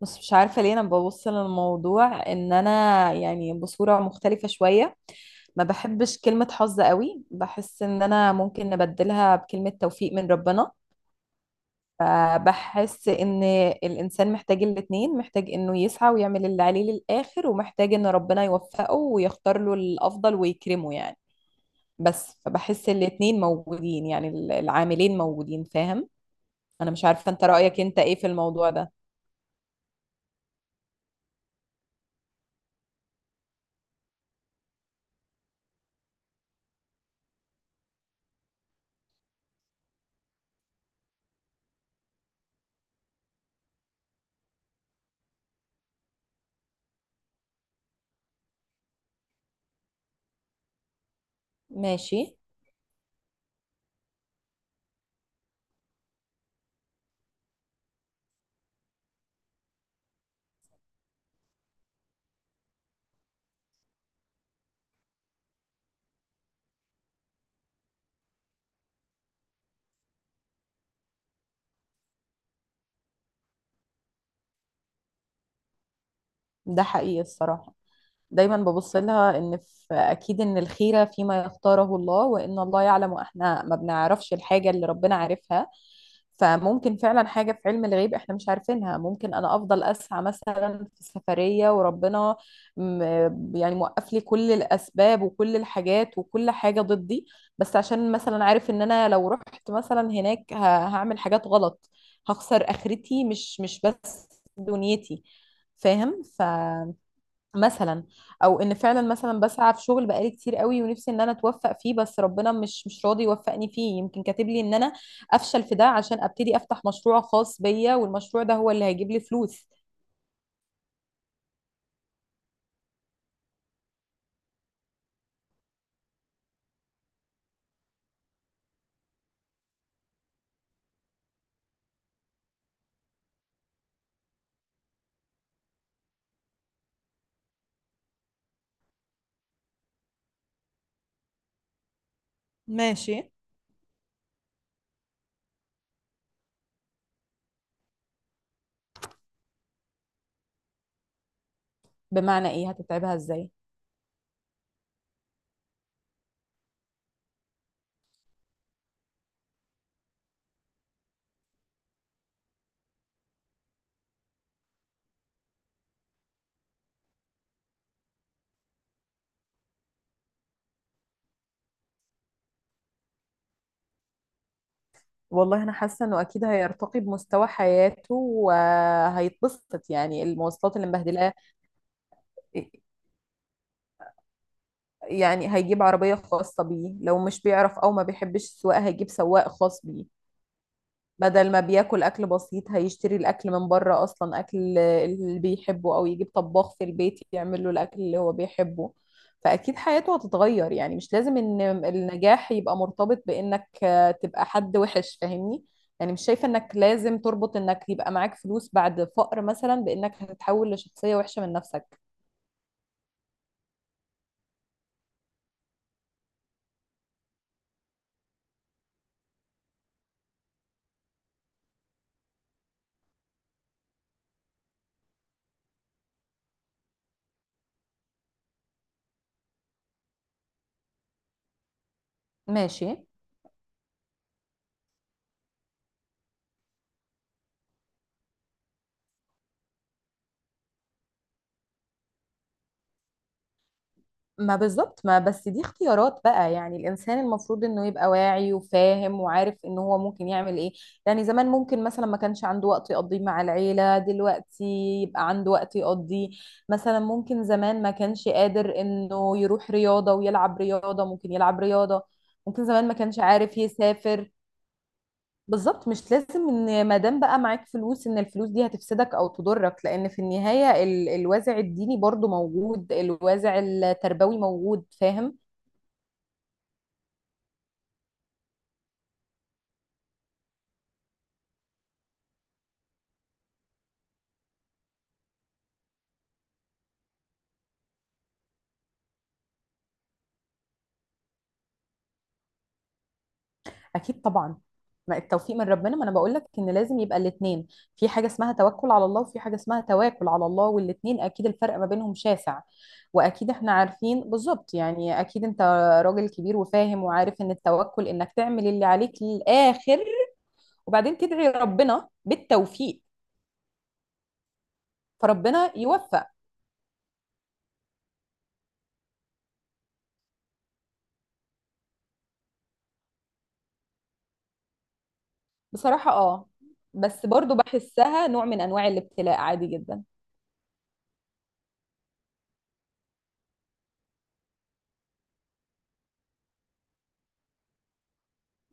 بس مش عارفة ليه أنا ببص للموضوع إن أنا بصورة مختلفة شوية. ما بحبش كلمة حظ قوي، بحس إن أنا ممكن نبدلها بكلمة توفيق من ربنا. فبحس إن الإنسان محتاج الاتنين، محتاج إنه يسعى ويعمل اللي عليه للآخر، ومحتاج إن ربنا يوفقه ويختار له الأفضل ويكرمه يعني. بس فبحس الاتنين موجودين يعني، العاملين موجودين، فاهم؟ أنا مش عارفة أنت رأيك أنت إيه في الموضوع ده. ماشي. ده حقيقي الصراحة. دايما ببص لها ان في اكيد ان الخيره فيما يختاره الله، وان الله يعلم واحنا ما بنعرفش الحاجه اللي ربنا عارفها. فممكن فعلا حاجه في علم الغيب احنا مش عارفينها. ممكن انا افضل اسعى مثلا في سفريه وربنا يعني موقف لي كل الاسباب وكل الحاجات وكل حاجه ضدي، بس عشان مثلا عارف ان انا لو رحت مثلا هناك هعمل حاجات غلط، هخسر اخرتي مش بس دنيتي. فاهم؟ مثلا او ان فعلا مثلا بسعى في شغل بقالي كتير قوي ونفسي ان انا اتوفق فيه، بس ربنا مش راضي يوفقني فيه. يمكن كاتب لي ان انا افشل في ده عشان ابتدي افتح مشروع خاص بيا، والمشروع ده هو اللي هيجيب لي فلوس. ماشي. بمعنى ايه؟ هتتعبها ازاي؟ والله انا حاسه انه اكيد هيرتقي بمستوى حياته وهيتبسط، يعني المواصلات اللي مبهدلاه يعني هيجيب عربيه خاصه بيه، لو مش بيعرف او ما بيحبش السواقه هيجيب سواق خاص بيه. بدل ما بياكل اكل بسيط هيشتري الاكل من بره، اصلا اكل اللي بيحبه، او يجيب طباخ في البيت يعمل له الاكل اللي هو بيحبه. فاكيد حياته هتتغير. يعني مش لازم ان النجاح يبقى مرتبط بانك تبقى حد وحش، فاهمني؟ يعني مش شايفة انك لازم تربط انك يبقى معاك فلوس بعد فقر مثلا بانك هتتحول لشخصية وحشة من نفسك. ماشي. ما بالظبط، ما بس دي اختيارات بقى. يعني الانسان المفروض انه يبقى واعي وفاهم وعارف ان هو ممكن يعمل ايه. يعني زمان ممكن مثلا ما كانش عنده وقت يقضيه مع العيلة، دلوقتي يبقى عنده وقت يقضيه. مثلا ممكن زمان ما كانش قادر انه يروح رياضة ويلعب رياضة، ممكن يلعب رياضة. ممكن زمان ما كانش عارف يسافر. بالظبط، مش لازم ان ما دام بقى معاك فلوس ان الفلوس دي هتفسدك او تضرك، لان في النهايه الوازع الديني برضو موجود، الوازع التربوي موجود، فاهم؟ اكيد طبعا. ما التوفيق من ربنا، ما انا بقول لك ان لازم يبقى الاثنين. في حاجه اسمها توكل على الله، وفي حاجه اسمها تواكل على الله، والاثنين اكيد الفرق ما بينهم شاسع. واكيد احنا عارفين بالظبط. يعني اكيد انت راجل كبير وفاهم وعارف ان التوكل انك تعمل اللي عليك للاخر، وبعدين تدعي ربنا بالتوفيق، فربنا يوفق. بصراحة اه. بس برضو بحسها نوع من انواع الابتلاء، عادي جدا.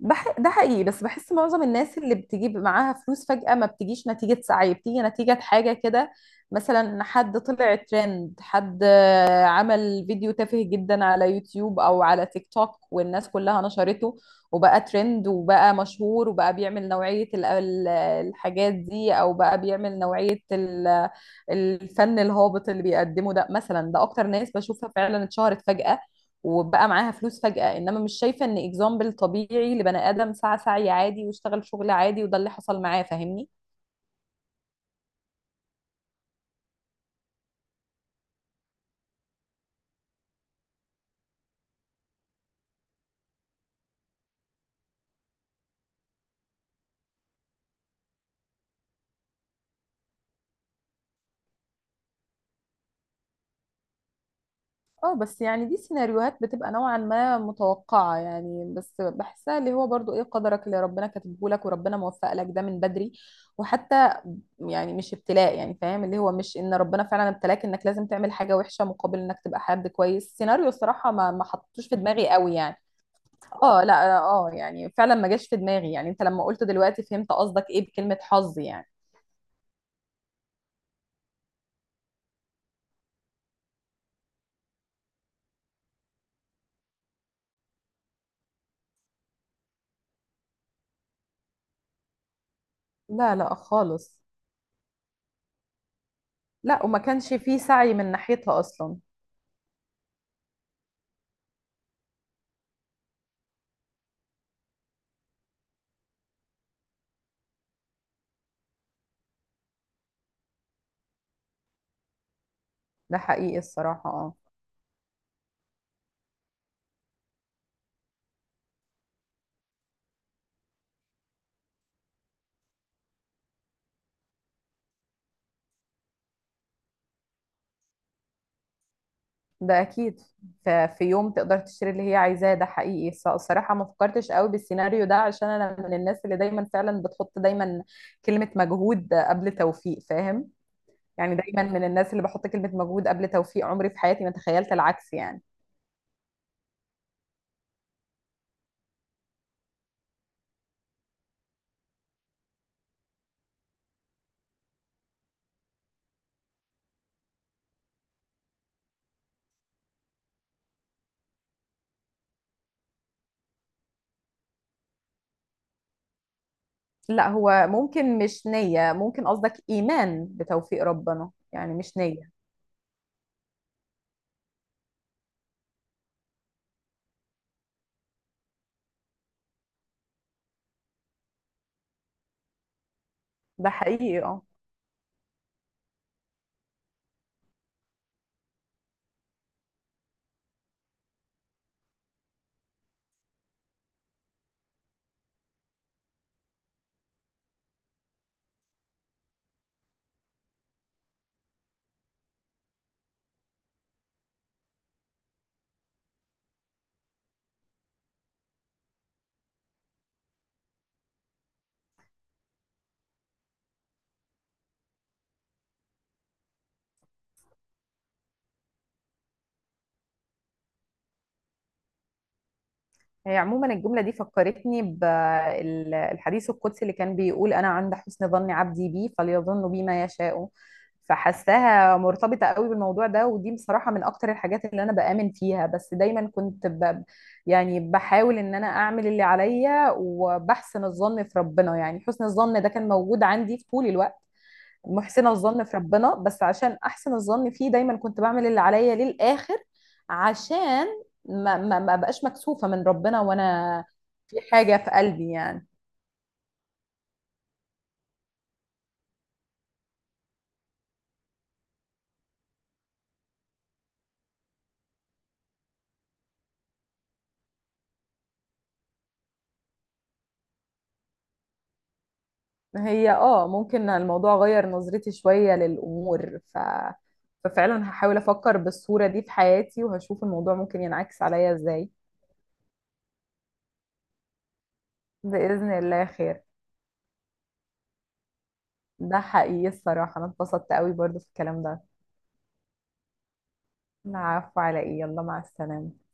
ده حقيقي، بس بحس معظم الناس اللي بتجيب معاها فلوس فجأة ما بتجيش نتيجة سعي، بتيجي نتيجة حاجة كده. مثلا حد طلع ترند، حد عمل فيديو تافه جدا على يوتيوب او على تيك توك والناس كلها نشرته، وبقى ترند وبقى مشهور، وبقى بيعمل نوعية الحاجات دي، او بقى بيعمل نوعية الفن الهابط اللي بيقدمه ده. مثلا ده اكتر ناس بشوفها فعلا اتشهرت فجأة وبقى معاها فلوس فجأة، انما مش شايفة ان اكزامبل طبيعي لبني ادم سعى سعي عادي واشتغل شغل عادي وده اللي حصل معاه. فاهمني؟ اه بس يعني دي سيناريوهات بتبقى نوعا ما متوقعة يعني. بس بحسها اللي هو برضو ايه، قدرك اللي ربنا كاتبه لك وربنا موفق لك ده من بدري. وحتى يعني مش ابتلاء يعني، فاهم؟ اللي هو مش ان ربنا فعلا ابتلاك انك لازم تعمل حاجة وحشة مقابل انك تبقى حد كويس. السيناريو الصراحة ما حطوش في دماغي قوي يعني. اه، لا، اه. يعني فعلا ما جاش في دماغي. يعني انت لما قلت دلوقتي فهمت قصدك ايه بكلمة حظ يعني. لا لا خالص. لا، وما كانش فيه سعي من ناحيتها اصلا. ده حقيقي الصراحة اه. ده اكيد. في يوم تقدر تشتري اللي هي عايزاه. ده حقيقي الصراحه ما فكرتش قوي بالسيناريو ده، عشان انا من الناس اللي دايما فعلا بتحط دايما كلمه مجهود قبل توفيق، فاهم؟ يعني دايما من الناس اللي بحط كلمه مجهود قبل توفيق. عمري في حياتي ما تخيلت العكس يعني. لا، هو ممكن مش نيه، ممكن قصدك ايمان بتوفيق ربنا، يعني مش نيه. ده حقيقي اه. هي عموما الجملة دي فكرتني بالحديث القدسي اللي كان بيقول: أنا عند حسن ظن عبدي بي فليظن بي ما يشاء. فحساها مرتبطة قوي بالموضوع ده، ودي بصراحة من أكتر الحاجات اللي أنا بآمن فيها. بس دايما يعني بحاول إن أنا أعمل اللي عليا وبحسن الظن في ربنا. يعني حسن الظن ده كان موجود عندي في طول الوقت، محسنه الظن في ربنا. بس عشان احسن الظن فيه دايما كنت بعمل اللي عليا للاخر، عشان ما بقاش مكسوفه من ربنا وانا في حاجه في قلبي يعني. هي اه، ممكن الموضوع غير نظرتي شويه للامور. ففعلا هحاول افكر بالصوره دي في حياتي وهشوف الموضوع ممكن ينعكس عليا ازاي. باذن الله خير. ده حقيقي الصراحه انا اتبسطت قوي برضو في الكلام ده. العفو على ايه، يلا مع السلامه.